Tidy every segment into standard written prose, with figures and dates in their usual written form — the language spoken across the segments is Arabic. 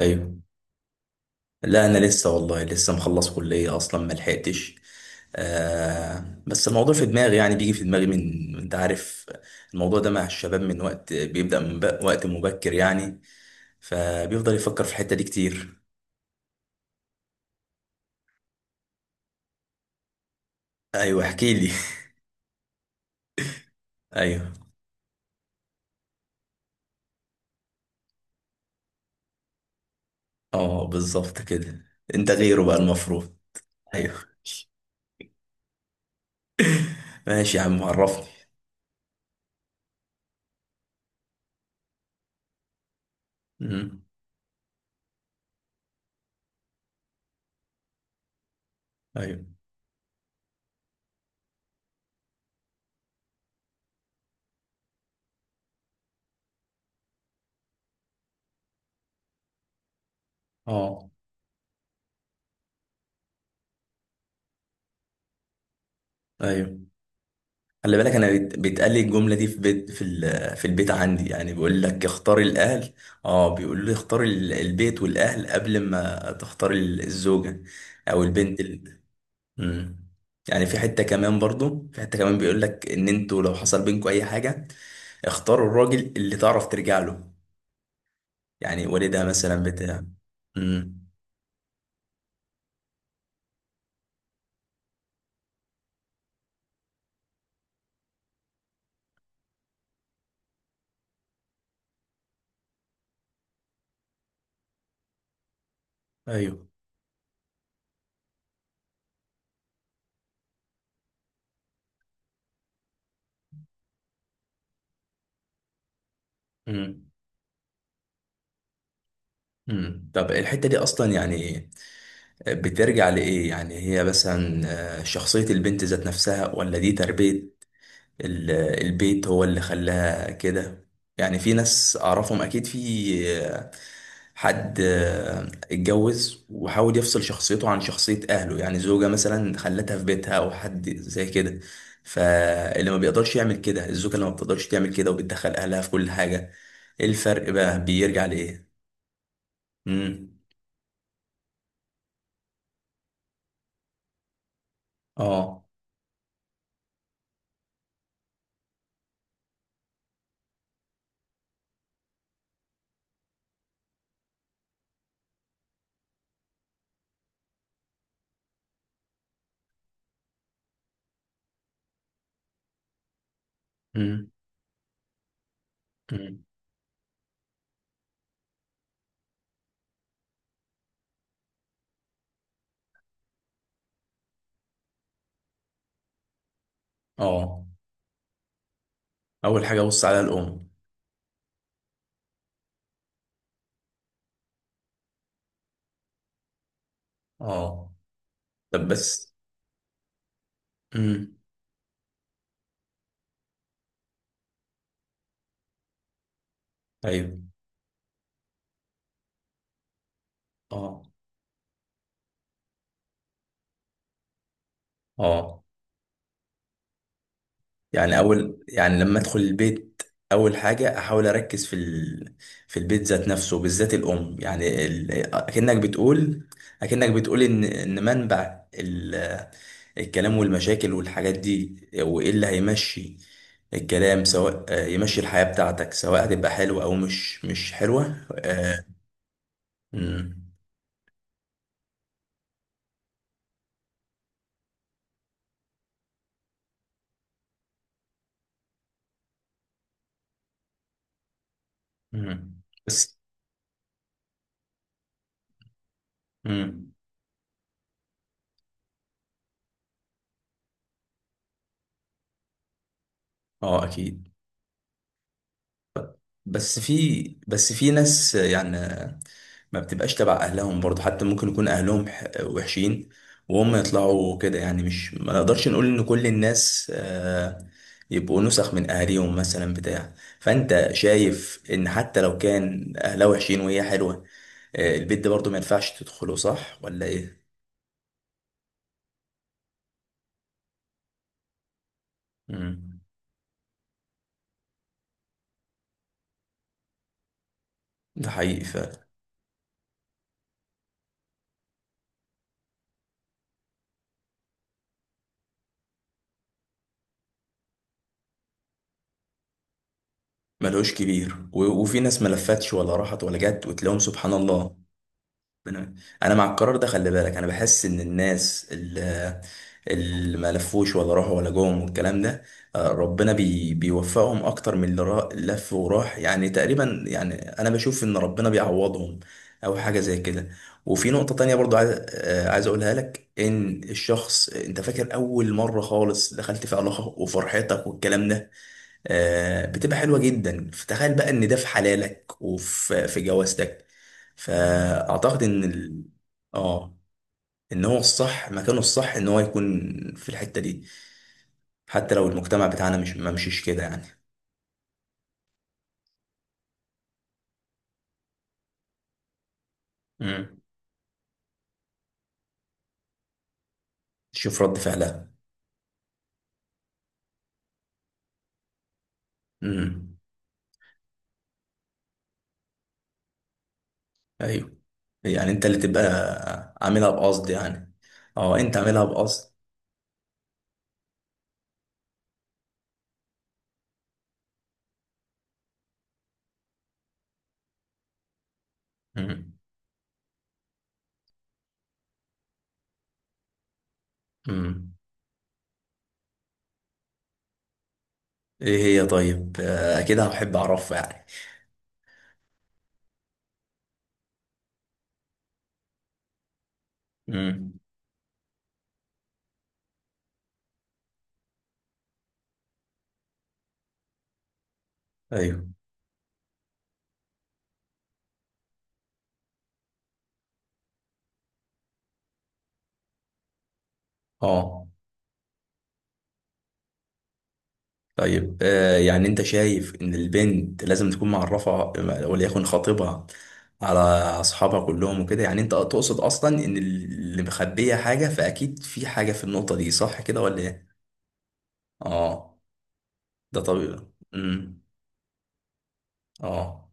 ايوه. لا، انا لسه والله لسه مخلص كليه اصلا ما لحقتش. بس الموضوع في دماغي، يعني بيجي في دماغي من، انت عارف؟ الموضوع ده مع الشباب من وقت بيبدا من وقت مبكر يعني. فبيفضل يفكر في الحته دي كتير. ايوه، احكي لي. ايوه. اه، بالظبط كده. انت غيره بقى المفروض. ايوه. ماشي يا عم، عرفني. مم. ايوه. اه. ايوه. خلي بالك، انا بيتقال لي الجمله دي في بيت في في البيت عندي، يعني بيقول لك اختار الاهل. اه، بيقول لي اختار البيت والاهل قبل ما تختار الزوجه او البنت مم. يعني في حته كمان برضو، في حته كمان بيقول لك ان انتوا لو حصل بينكم اي حاجه اختاروا الراجل اللي تعرف ترجع له. يعني والدها مثلا، بتاع. امم. ايوه. امم. امم. طب الحته دي اصلا يعني، بترجع لإيه؟ يعني هي مثلا شخصية البنت ذات نفسها، ولا دي تربية ال- البيت هو اللي خلاها كده؟ يعني في ناس أعرفهم أكيد، في آه، حد اتجوز وحاول يفصل شخصيته عن شخصية أهله، يعني زوجة مثلا خلتها في بيتها، أو حد زي كده. فاللي ما بيقدرش يعمل كده، الزوجة اللي ما بتقدرش تعمل كده وبتدخل أهلها في كل حاجة، إيه الفرق بقى؟ بيرجع لإيه؟ مم. آه. مم. مم. آه. اول حاجه ابص عليها الام. اه. طب، بس. امم. ايوه. اه. اه، يعني اول، يعني لما ادخل البيت، اول حاجه احاول اركز في في البيت ذات نفسه، بالذات الام، يعني اكنك بتقول، اكنك بتقول ان منبع الكلام والمشاكل والحاجات دي، وايه اللي هيمشي الكلام، سواء يمشي الحياه بتاعتك، سواء هتبقى حلوه او مش حلوه. امم. امم. بس. امم. اه، اكيد. بس في ناس يعني، ما بتبقاش تبع اهلهم برضه، حتى ممكن يكون اهلهم وحشين، وهم يطلعوا كده، يعني مش ما نقدرش نقول ان كل الناس يبقوا نسخ من اهاليهم مثلا، بتاع. فانت شايف ان حتى لو كان اهلها وحشين وهي حلوة، البيت ده برضه ما ينفعش تدخله، صح ولا ايه؟ مم. ده حقيقي فعلا. ملهوش كبير، و- وفي ناس ما لفتش ولا راحت ولا جت وتلاقيهم سبحان الله. انا. أنا مع القرار ده، خلي بالك، انا بحس ان الناس اللي ما لفوش ولا راحوا ولا جم والكلام ده، ربنا بيوفقهم اكتر من اللي لف وراح، يعني تقريبا، يعني انا بشوف ان ربنا بيعوضهم، او حاجه زي كده. وفي نقطه تانية برضو عايز اقولها لك، ان الشخص انت فاكر اول مره خالص دخلت في علاقه وفرحتك والكلام ده بتبقى حلوة جدا. فتخيل بقى ان ده في حلالك وفي في جوازتك. فاعتقد ان اه، ان هو الصح مكانه الصح، ان هو يكون في الحتة دي، حتى لو المجتمع بتاعنا مش ما مشيش كده يعني. امم. شوف رد فعلها. امم. ايوه. يعني انت اللي تبقى عاملها بقصد يعني. اه، انت عاملها بقصد. امم. امم. ايه هي؟ طيب، كده هحب اعرفها يعني. امم. ايوه. اه، طيب، يعني انت شايف ان البنت لازم تكون معرفة، وليكن خطيبها، على اصحابها كلهم وكده، يعني انت تقصد اصلا ان اللي مخبية حاجة فاكيد في حاجة في النقطة دي، صح كده ولا ايه؟ اه. ده طبيعي. امم. اه.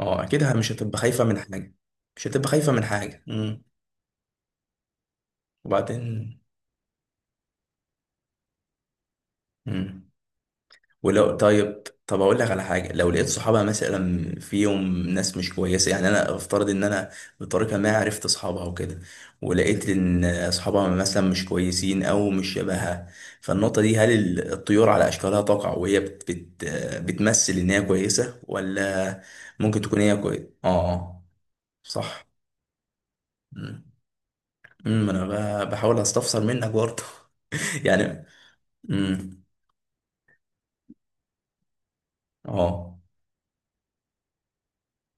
اه، اكيد مش هتبقى خايفة من حاجة. مش هتبقى خايفة من حاجة. امم. وبعدين. امم. ولو طب اقول لك على حاجه، لو لقيت صحابها مثلا فيهم ناس مش كويسه، يعني انا افترض ان انا بطريقه ما عرفت اصحابها وكده، ولقيت ان اصحابها مثلا مش كويسين او مش شبهها، فالنقطه دي، هل الطيور على اشكالها تقع، وهي بت بت بتمثل ان هي كويسه، ولا ممكن تكون هي كويسه؟ اه. صح. امم. أمم، انا بحاول استفسر منك برضه يعني. امم. اه.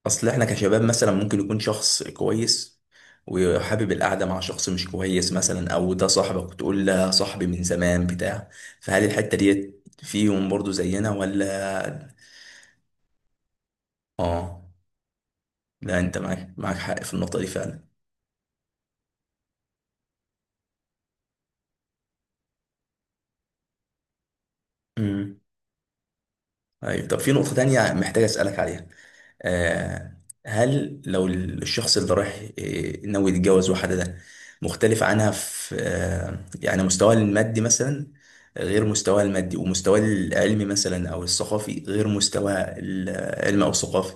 اصل احنا كشباب مثلا ممكن يكون شخص كويس وحابب القعده مع شخص مش كويس مثلا، او ده صاحبك وتقول لا صاحبي من زمان بتاع. فهل الحته دي فيهم برضو زينا، ولا؟ اه، لا، انت معاك حق في النقطه دي فعلا. امم. ايوه. طب، في نقطه تانية محتاج اسالك عليها، آه، هل لو الشخص اللي رايح ناوي يتجوز واحدة ده مختلف عنها في يعني مستواها المادي مثلا، غير مستواها المادي، ومستواها العلمي مثلا أو الثقافي، غير مستواها العلمي أو الثقافي،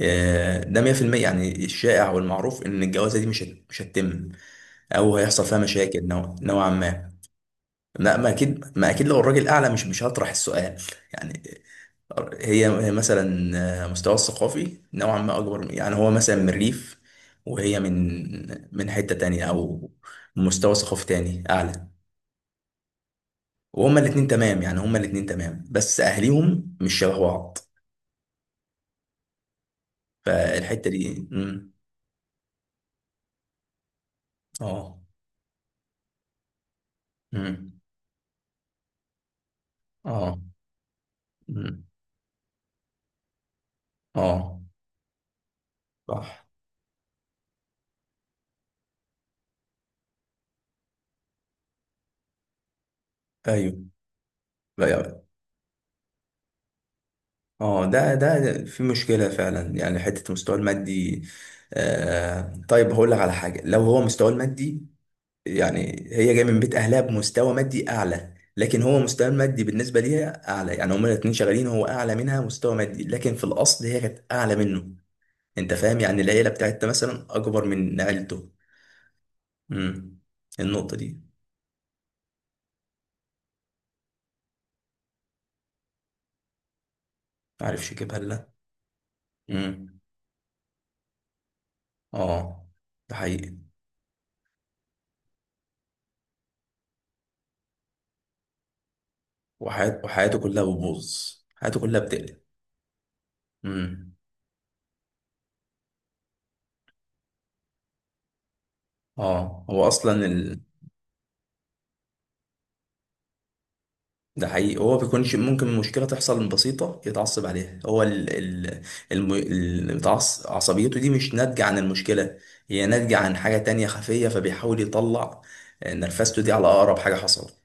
ده 100% يعني الشائع والمعروف إن الجوازة دي مش هتتم، أو هيحصل فيها مشاكل نوعا ما. ما أكيد، ما أكيد لو الراجل أعلى مش هطرح السؤال. يعني هي مثلا مستوى الثقافي نوعا ما اكبر، يعني هو مثلا من الريف، وهي من حتة تانية، او مستوى ثقافي تاني اعلى، وهما الاتنين تمام، يعني هما الاتنين تمام، بس اهليهم مش شبه بعض. فالحتة دي امم. اه. امم. اه. امم. اه. صح. ايوه. بقى- اه، ده في مشكلة فعلا، يعني حتة المستوى المادي. طيب، هقول لك على حاجة، لو هو مستواه المادي، يعني هي جايه من بيت اهلها بمستوى مادي اعلى، لكن هو مستوى المادي بالنسبه ليها اعلى، يعني هما الاتنين شغالين هو اعلى منها مستوى مادي، لكن في الاصل هي كانت اعلى منه. انت فاهم؟ يعني العيله بتاعتها مثلا اكبر من عيلته. امم. النقطه دي، معرفش اجيبها، لا. امم. اه. ده حقيقي. وحياته كلها بتبوظ، حياته كلها بتقلب. امم. اه، هو اصلا. ده حقيقي، هو بيكونش ممكن مشكلة تحصل بسيطة يتعصب عليها، هو ال ال عصبيته دي مش ناتجة عن المشكلة، هي ناتجة عن حاجة تانية خفية، فبيحاول يطلع نرفزته دي على أقرب حاجة حصلت.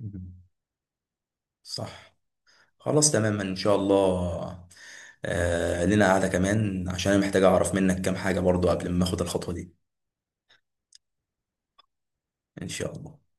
مم. صح. خلاص، تماما، إن شاء الله. لنا قعدة كمان، عشان أنا محتاج أعرف منك كام حاجة برضو قبل ما أخد الخطوة دي. إن شاء الله.